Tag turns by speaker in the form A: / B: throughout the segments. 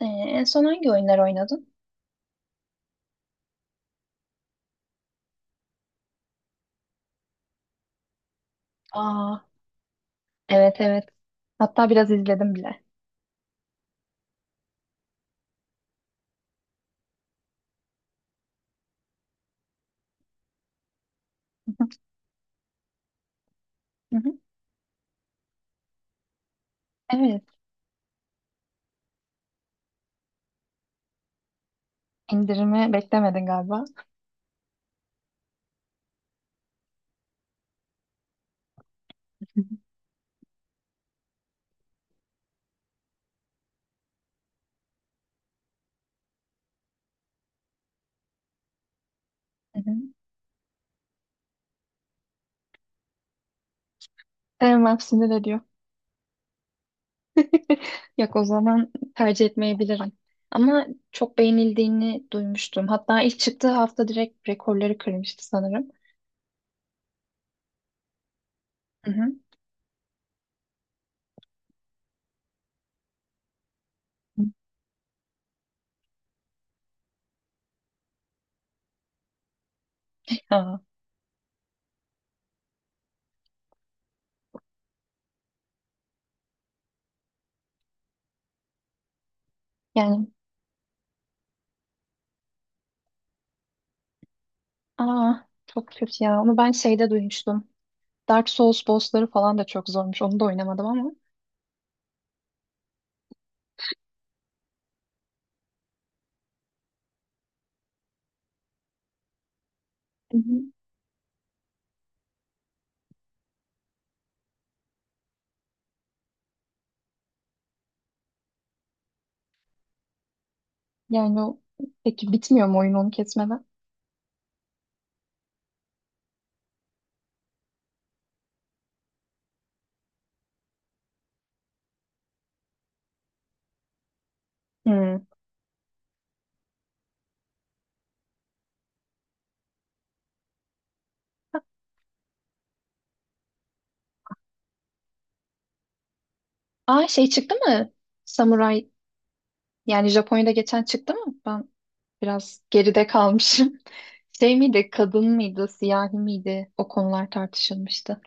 A: En son hangi oyunlar oynadın? Aa, evet evet. Hatta biraz izledim bile. Hı hı. Hı hı. Evet. İndirimi beklemedin galiba. Hı hı. Sevmem, sinir ediyor. Yok, o zaman tercih etmeyebilirim. Ama çok beğenildiğini duymuştum. Hatta ilk çıktığı hafta direkt rekorları kırmıştı sanırım. Hı hı. Aa, yani aa, çok kötü ya. Onu ben şeyde duymuştum. Dark Souls bossları falan da çok zormuş. Onu da oynamadım ama. Yani o, peki bitmiyor mu oyun onu kesmeden? Hmm. Aa, şey çıktı mı? Samuray, yani Japonya'da geçen çıktı mı? Ben biraz geride kalmışım. Şey miydi? Kadın mıydı? Siyahi miydi? O konular tartışılmıştı.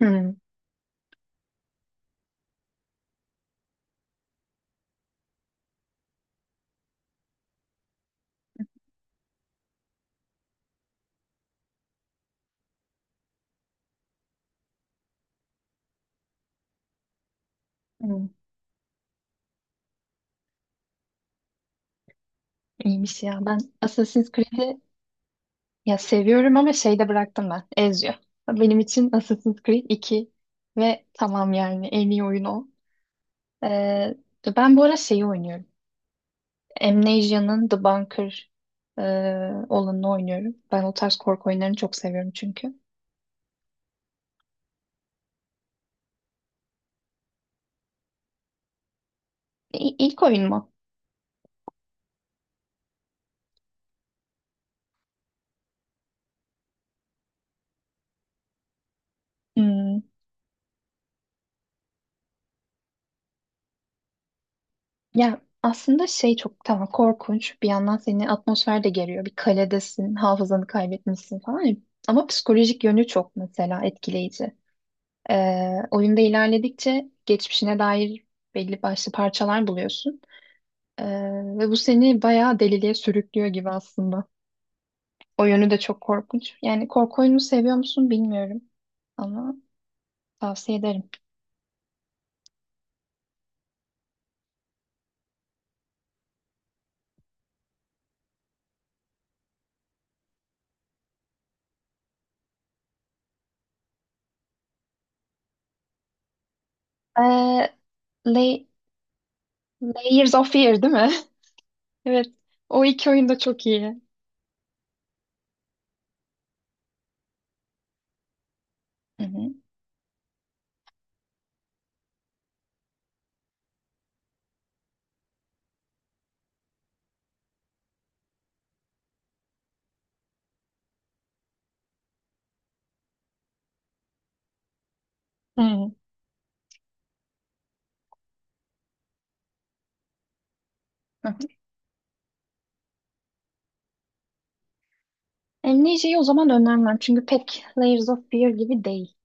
A: Hmm. Hmm. İyiymiş ya. Ben Assassin's Creed'i, ya seviyorum ama şeyde bıraktım ben. Ezio. Benim için Assassin's Creed 2 ve tamam, yani en iyi oyun o. Ee, Ben bu ara şeyi oynuyorum. Amnesia'nın The Bunker e, olanını oynuyorum. Ben o tarz korku oyunlarını çok seviyorum çünkü. İlk oyun mu? Hmm. Ya aslında şey çok, tamam, korkunç. Bir yandan seni atmosfer de geriyor. Bir kaledesin, hafızanı kaybetmişsin falan ya. Ama psikolojik yönü çok, mesela, etkileyici. Oyunda ilerledikçe geçmişine dair belli başlı parçalar buluyorsun. Ee, Ve bu seni bayağı deliliğe sürüklüyor gibi aslında. O yönü de çok korkunç. Yani korku oyunu seviyor musun bilmiyorum ama tavsiye ederim. Ee, Lay- Layers of Fear değil mi? Evet. O iki oyun da çok iyi. Hı hı. Hı hı. Hı. Amnesia'yı o zaman önermem çünkü pek Layers of Fear gibi değil.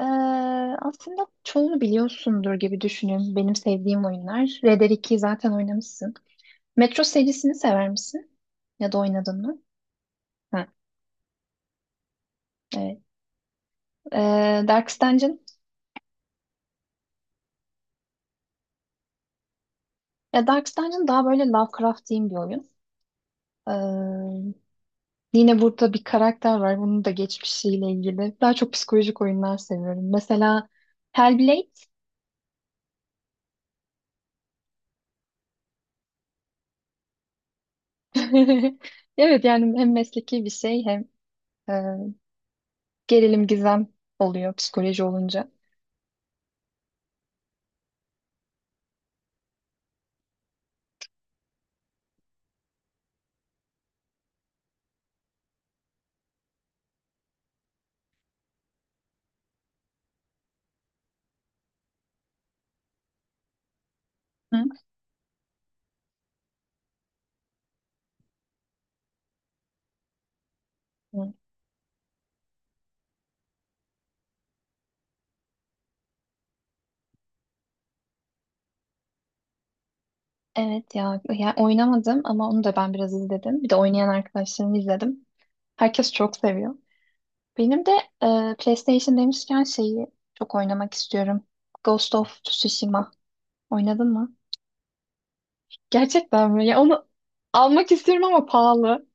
A: Ee, Aslında çoğunu biliyorsundur gibi düşünüyorum. Benim sevdiğim oyunlar. Red Dead 2'yi zaten oynamışsın. Metro serisini sever misin? Ya da oynadın mı? Hı. Evet. Darkest Dungeon. Ya Dark Dungeon daha böyle Lovecraft'in bir oyun. Ee, Yine burada bir karakter var. Bunun da geçmişiyle ilgili. Daha çok psikolojik oyunlar seviyorum. Mesela Hellblade. Evet, yani hem mesleki bir şey hem e, gerilim, gizem oluyor psikoloji olunca. Hı? Hı. Evet ya, ya oynamadım ama onu da ben biraz izledim. Bir de oynayan arkadaşlarımı izledim. Herkes çok seviyor. Benim de PlayStation demişken şeyi çok oynamak istiyorum. Ghost of Tsushima. Oynadın mı? Gerçekten mi? Ya onu almak istiyorum ama pahalı.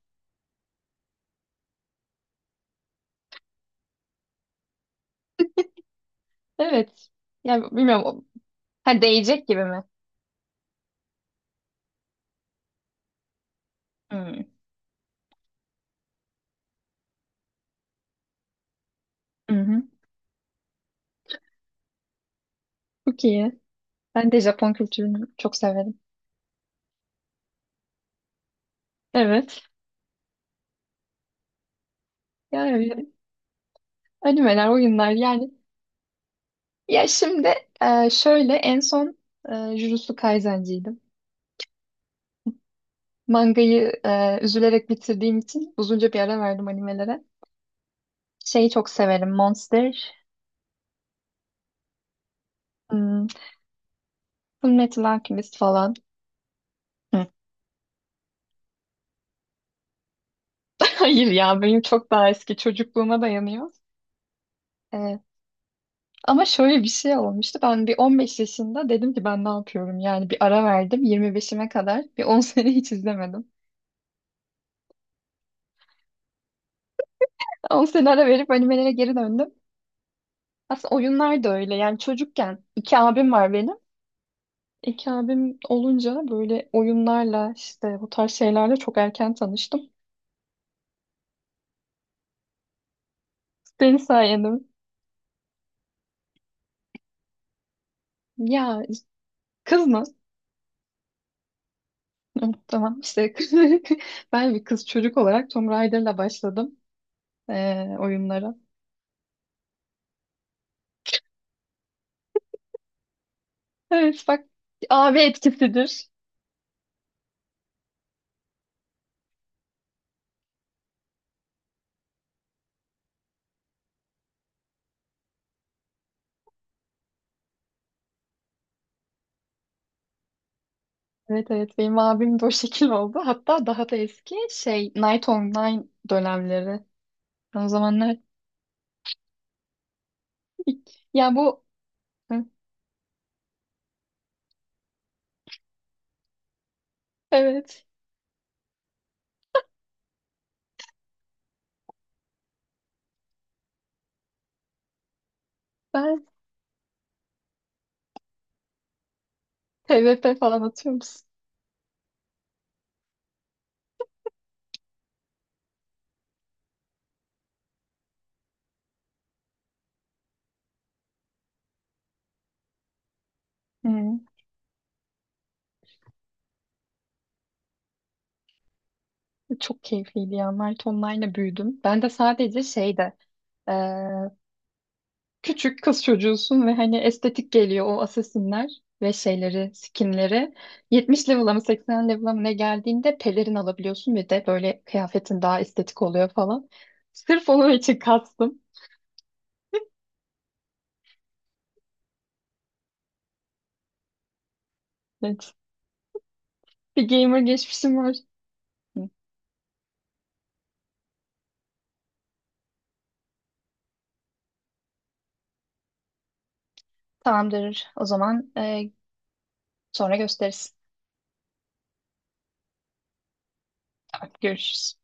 A: Evet. Ya bilmiyorum. Ha, değecek gibi mi? Hmm. Hı hı. Çok iyi. Ben de Japon kültürünü çok severim. Evet. Yani animeler, oyunlar yani. Ya şimdi şöyle en son Jujutsu Kaisen'ciydim. Mangayı üzülerek bitirdiğim için uzunca bir ara verdim animelere. Şeyi çok severim. Monster, hmm, Fullmetal Alchemist falan. Hayır ya, benim çok daha eski çocukluğuma dayanıyor. Evet. Ama şöyle bir şey olmuştu. Ben bir 15 yaşında dedim ki ben ne yapıyorum? Yani bir ara verdim 25'ime kadar. Bir 10 sene hiç izlemedim. 10 sene ara verip animelere geri döndüm. Aslında oyunlar da öyle. Yani çocukken iki abim var benim. İki abim olunca böyle oyunlarla işte bu tarz şeylerle çok erken tanıştım. Senin sayende. Ya, kız mı? Tamam işte. Ben bir kız çocuk olarak Tomb Raider'la başladım. Oyunlara. Evet bak, abi etkisidir. Evet evet, benim abim de o şekil oldu. Hatta daha da eski şey Night Online dönemleri. O zamanlar ya bu Hı, evet ben TVP falan atıyor musun? Hı. Çok keyifliydi ya. Night Online'la büyüdüm. Ben de sadece şeyde e, küçük kız çocuğusun ve hani estetik geliyor o asesinler ve şeyleri, skinleri. 70 level'a mı 80 level'a mı ne geldiğinde pelerin alabiliyorsun ve de böyle kıyafetin daha estetik oluyor falan. Sırf onun için kastım. Evet. Bir gamer geçmişim var. Hı. Tamamdır. O zaman sonra gösteririz. Tamam, görüşürüz.